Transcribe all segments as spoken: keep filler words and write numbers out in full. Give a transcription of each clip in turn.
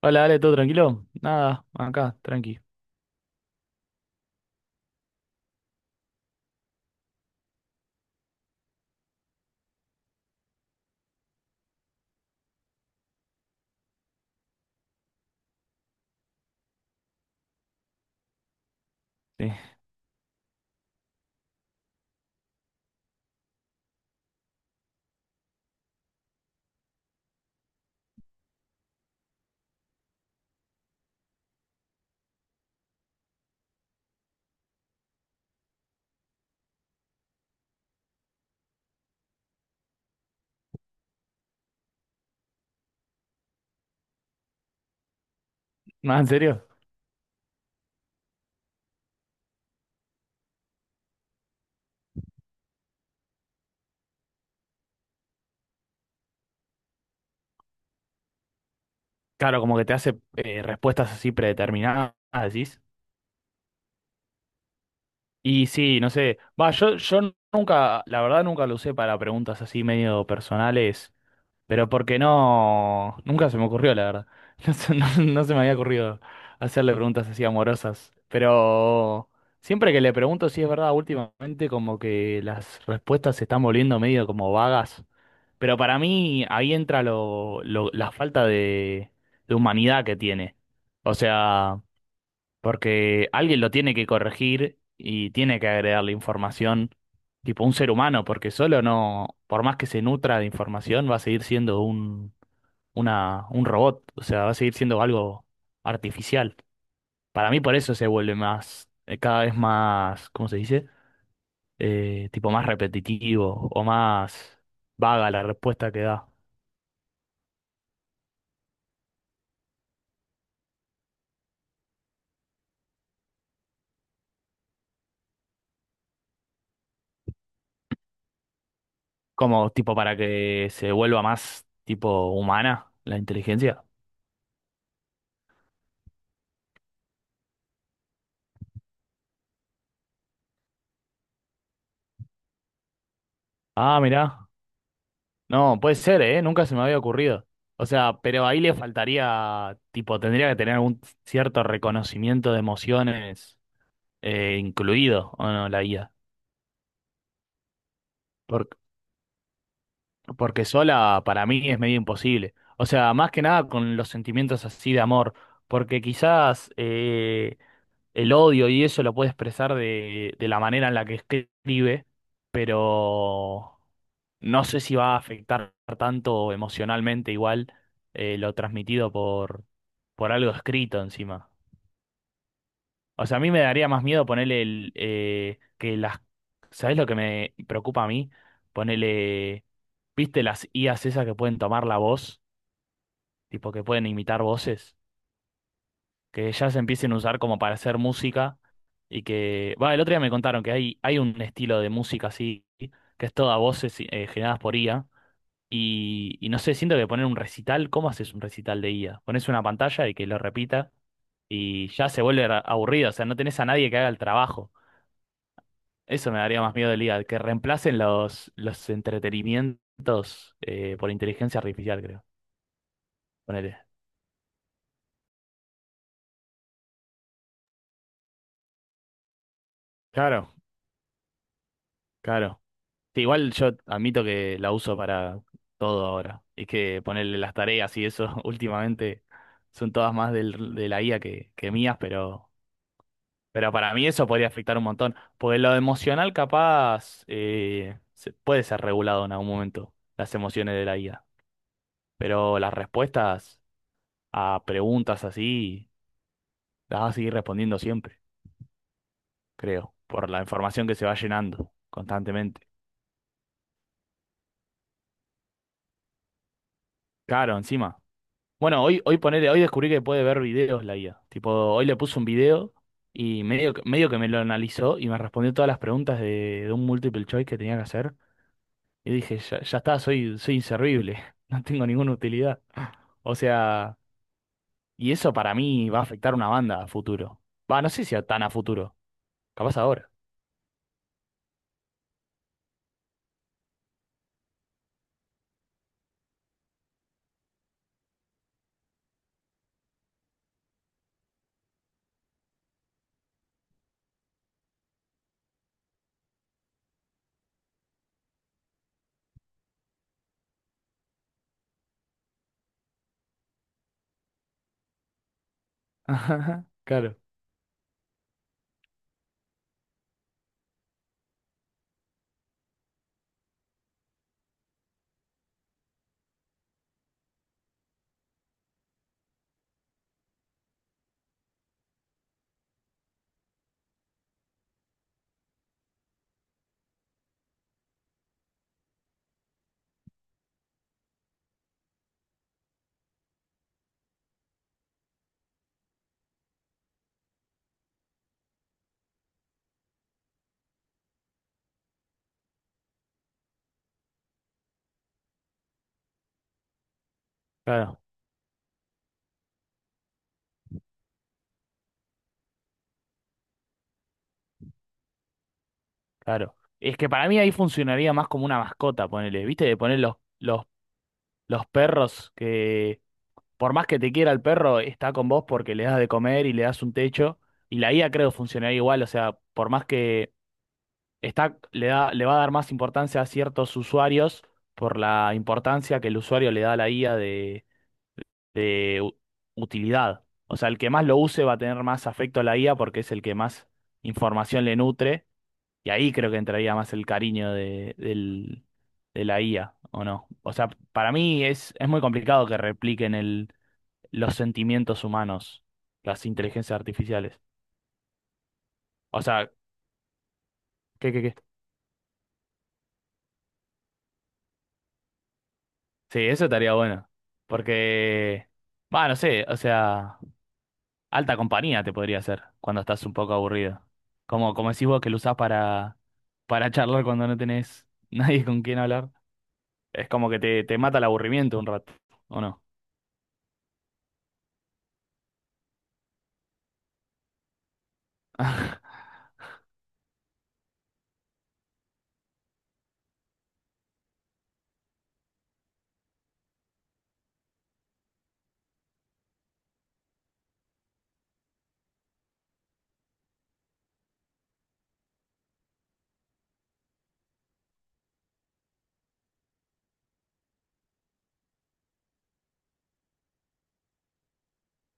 Hola, dale, ¿todo tranquilo? Nada, acá, tranqui. Sí. ¿No, en serio? Claro, como que te hace eh, respuestas así predeterminadas, decís. Y sí, no sé. Va, yo, yo nunca, la verdad nunca lo usé para preguntas así medio personales. Pero porque no, nunca se me ocurrió, la verdad. No se, no- no se me había ocurrido hacerle preguntas así amorosas. Pero siempre que le pregunto si es verdad, últimamente como que las respuestas se están volviendo medio como vagas. Pero para mí ahí entra lo, lo- la falta de, de humanidad que tiene. O sea, porque alguien lo tiene que corregir y tiene que agregarle información, tipo un ser humano, porque solo no, por más que se nutra de información, va a seguir siendo un, una, un robot, o sea, va a seguir siendo algo artificial. Para mí por eso se vuelve más, eh, cada vez más, ¿cómo se dice? Eh, tipo más repetitivo o más vaga la respuesta que da. Como tipo para que se vuelva más tipo humana la inteligencia. Ah, mirá. No, puede ser, ¿eh? Nunca se me había ocurrido. O sea, pero ahí le faltaría, tipo, tendría que tener algún cierto reconocimiento de emociones eh, incluido, ¿o no, la I A? Por- porque sola para mí es medio imposible. O sea, más que nada con los sentimientos así de amor, porque quizás eh, el odio y eso lo puede expresar de, de la manera en la que escribe, pero no sé si va a afectar tanto emocionalmente igual eh, lo transmitido por, por algo escrito encima. O sea, a mí me daría más miedo ponerle el, eh, que las... ¿Sabes lo que me preocupa a mí? Ponerle... ¿Viste las I As esas que pueden tomar la voz? Tipo que pueden imitar voces. Que ya se empiecen a usar como para hacer música y que, va, el otro día me contaron que hay, hay un estilo de música así, que es toda voces eh, generadas por I A y, y no sé, siento que poner un recital, ¿cómo haces un recital de I A? Pones una pantalla y que lo repita y ya se vuelve ra- aburrido, o sea, no tenés a nadie que haga el trabajo. Eso me daría más miedo del I A, que reemplacen los, los entretenimientos eh, por inteligencia artificial, creo. Ponele. Claro, claro. Sí, igual yo admito que la uso para todo ahora. Es que ponerle las tareas y eso últimamente son todas más del- de la I A que, que mías, pero, pero para mí eso podría afectar un montón. Porque lo emocional capaz eh, se- puede ser regulado en algún momento, las emociones de la I A. Pero las respuestas a preguntas así las vas a seguir respondiendo siempre, creo, por la información que se va llenando constantemente. Claro, encima. Bueno, hoy, hoy ponele, hoy descubrí que puede ver videos la I A. Tipo, hoy le puse un video y medio, que- medio que me lo analizó y me respondió todas las preguntas de, de un multiple choice que tenía que hacer. Y dije, ya, ya está, soy, soy inservible, no tengo ninguna utilidad. O sea, y eso para mí va a afectar una banda a futuro. Va, no sé si a tan a futuro, capaz ahora. Ajá, claro, claro, claro. Es que para mí ahí funcionaría más como una mascota, ponele, ¿viste? De poner los, los, los perros, por más que te quiera el perro, está con vos porque le das de comer y le das un techo. Y la I A creo funcionaría igual, o sea, por más que está, le da, le va a dar más importancia a ciertos usuarios por la importancia que el usuario le da a la I A de, de u- utilidad. O sea, el que más lo use va a tener más afecto a la I A porque es el que más información le nutre. Y ahí creo que entraría más el cariño de, del- de la I A, ¿o no? O sea, para mí es, es muy complicado que repliquen el los sentimientos humanos, las inteligencias artificiales. O sea, ¿qué, qué, qué? Sí, eso estaría bueno. Porque, bueno, no sé, o sea, alta compañía te podría hacer cuando estás un poco aburrido. Como, como decís vos que lo usás para, para charlar cuando no tenés nadie con quien hablar. Es como que te, te mata el aburrimiento un rato, ¿o no?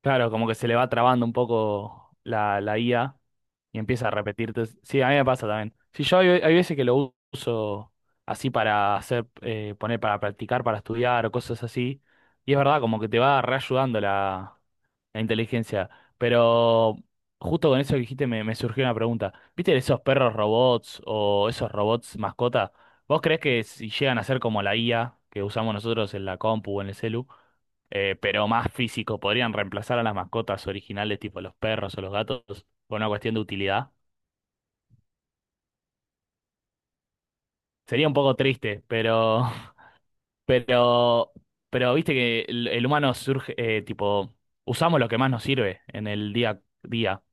Claro, como que se le va trabando un poco la, la I A y empieza a repetirte. Sí, a mí me pasa también. Sí, yo hay, hay veces que lo uso así para hacer, eh, poner para practicar, para estudiar o cosas así. Y es verdad, como que te va reayudando la, la inteligencia. Pero justo con eso que dijiste me, me surgió una pregunta. ¿Viste esos perros robots o esos robots mascota? ¿Vos creés que si llegan a ser como la I A que usamos nosotros en la compu o en el celu? Eh, pero más físico. Podrían reemplazar a las mascotas originales, tipo los perros o los gatos, por una cuestión de utilidad. Sería un poco triste, pero, pero, pero viste que el, el humano surge, eh, tipo, usamos lo que más nos sirve en el día a día.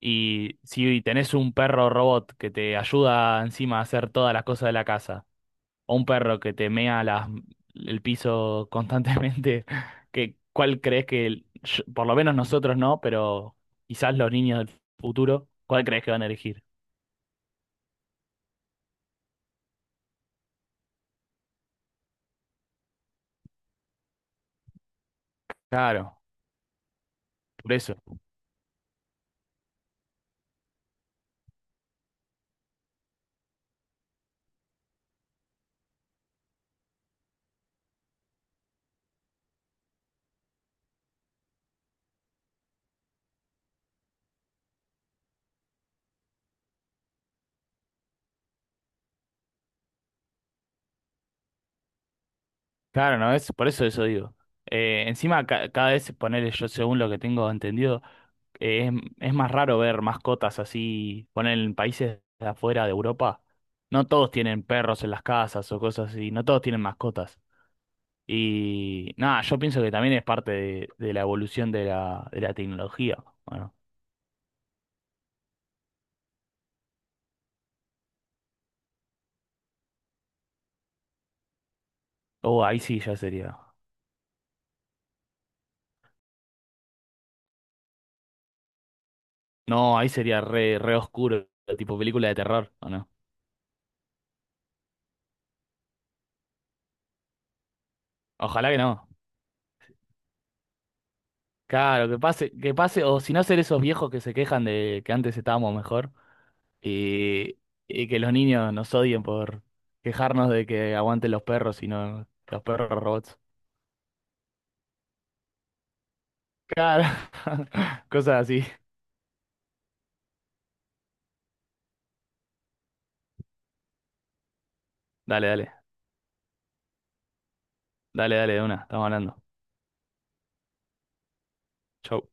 Y si tenés un perro robot que te ayuda encima a hacer todas las cosas de la casa o un perro que te mea las- el piso constantemente, que, ¿cuál crees que, el- yo- por lo menos nosotros no, pero quizás los niños del futuro, ¿cuál crees que van a elegir? Claro, por eso. Claro, ¿no es? Por eso eso digo. Eh, encima, ca- cada vez ponerle yo, según lo que tengo entendido, eh, es, es más raro ver mascotas así, poner en países de afuera de Europa. No todos tienen perros en las casas o cosas así, no todos tienen mascotas. Y nada, yo pienso que también es parte de, de la evolución de la, de la tecnología. Bueno, oh, ahí sí ya sería. No, ahí sería re, re oscuro, tipo película de terror, ¿o no? Ojalá que no. Claro, que pase, que pase, o si no ser esos viejos que se quejan de que antes estábamos mejor y, y que los niños nos odien por quejarnos de que aguanten los perros y no los perros robots. Claro, cosas así. Dale, dale, dale, dale, de una, estamos hablando. Chau.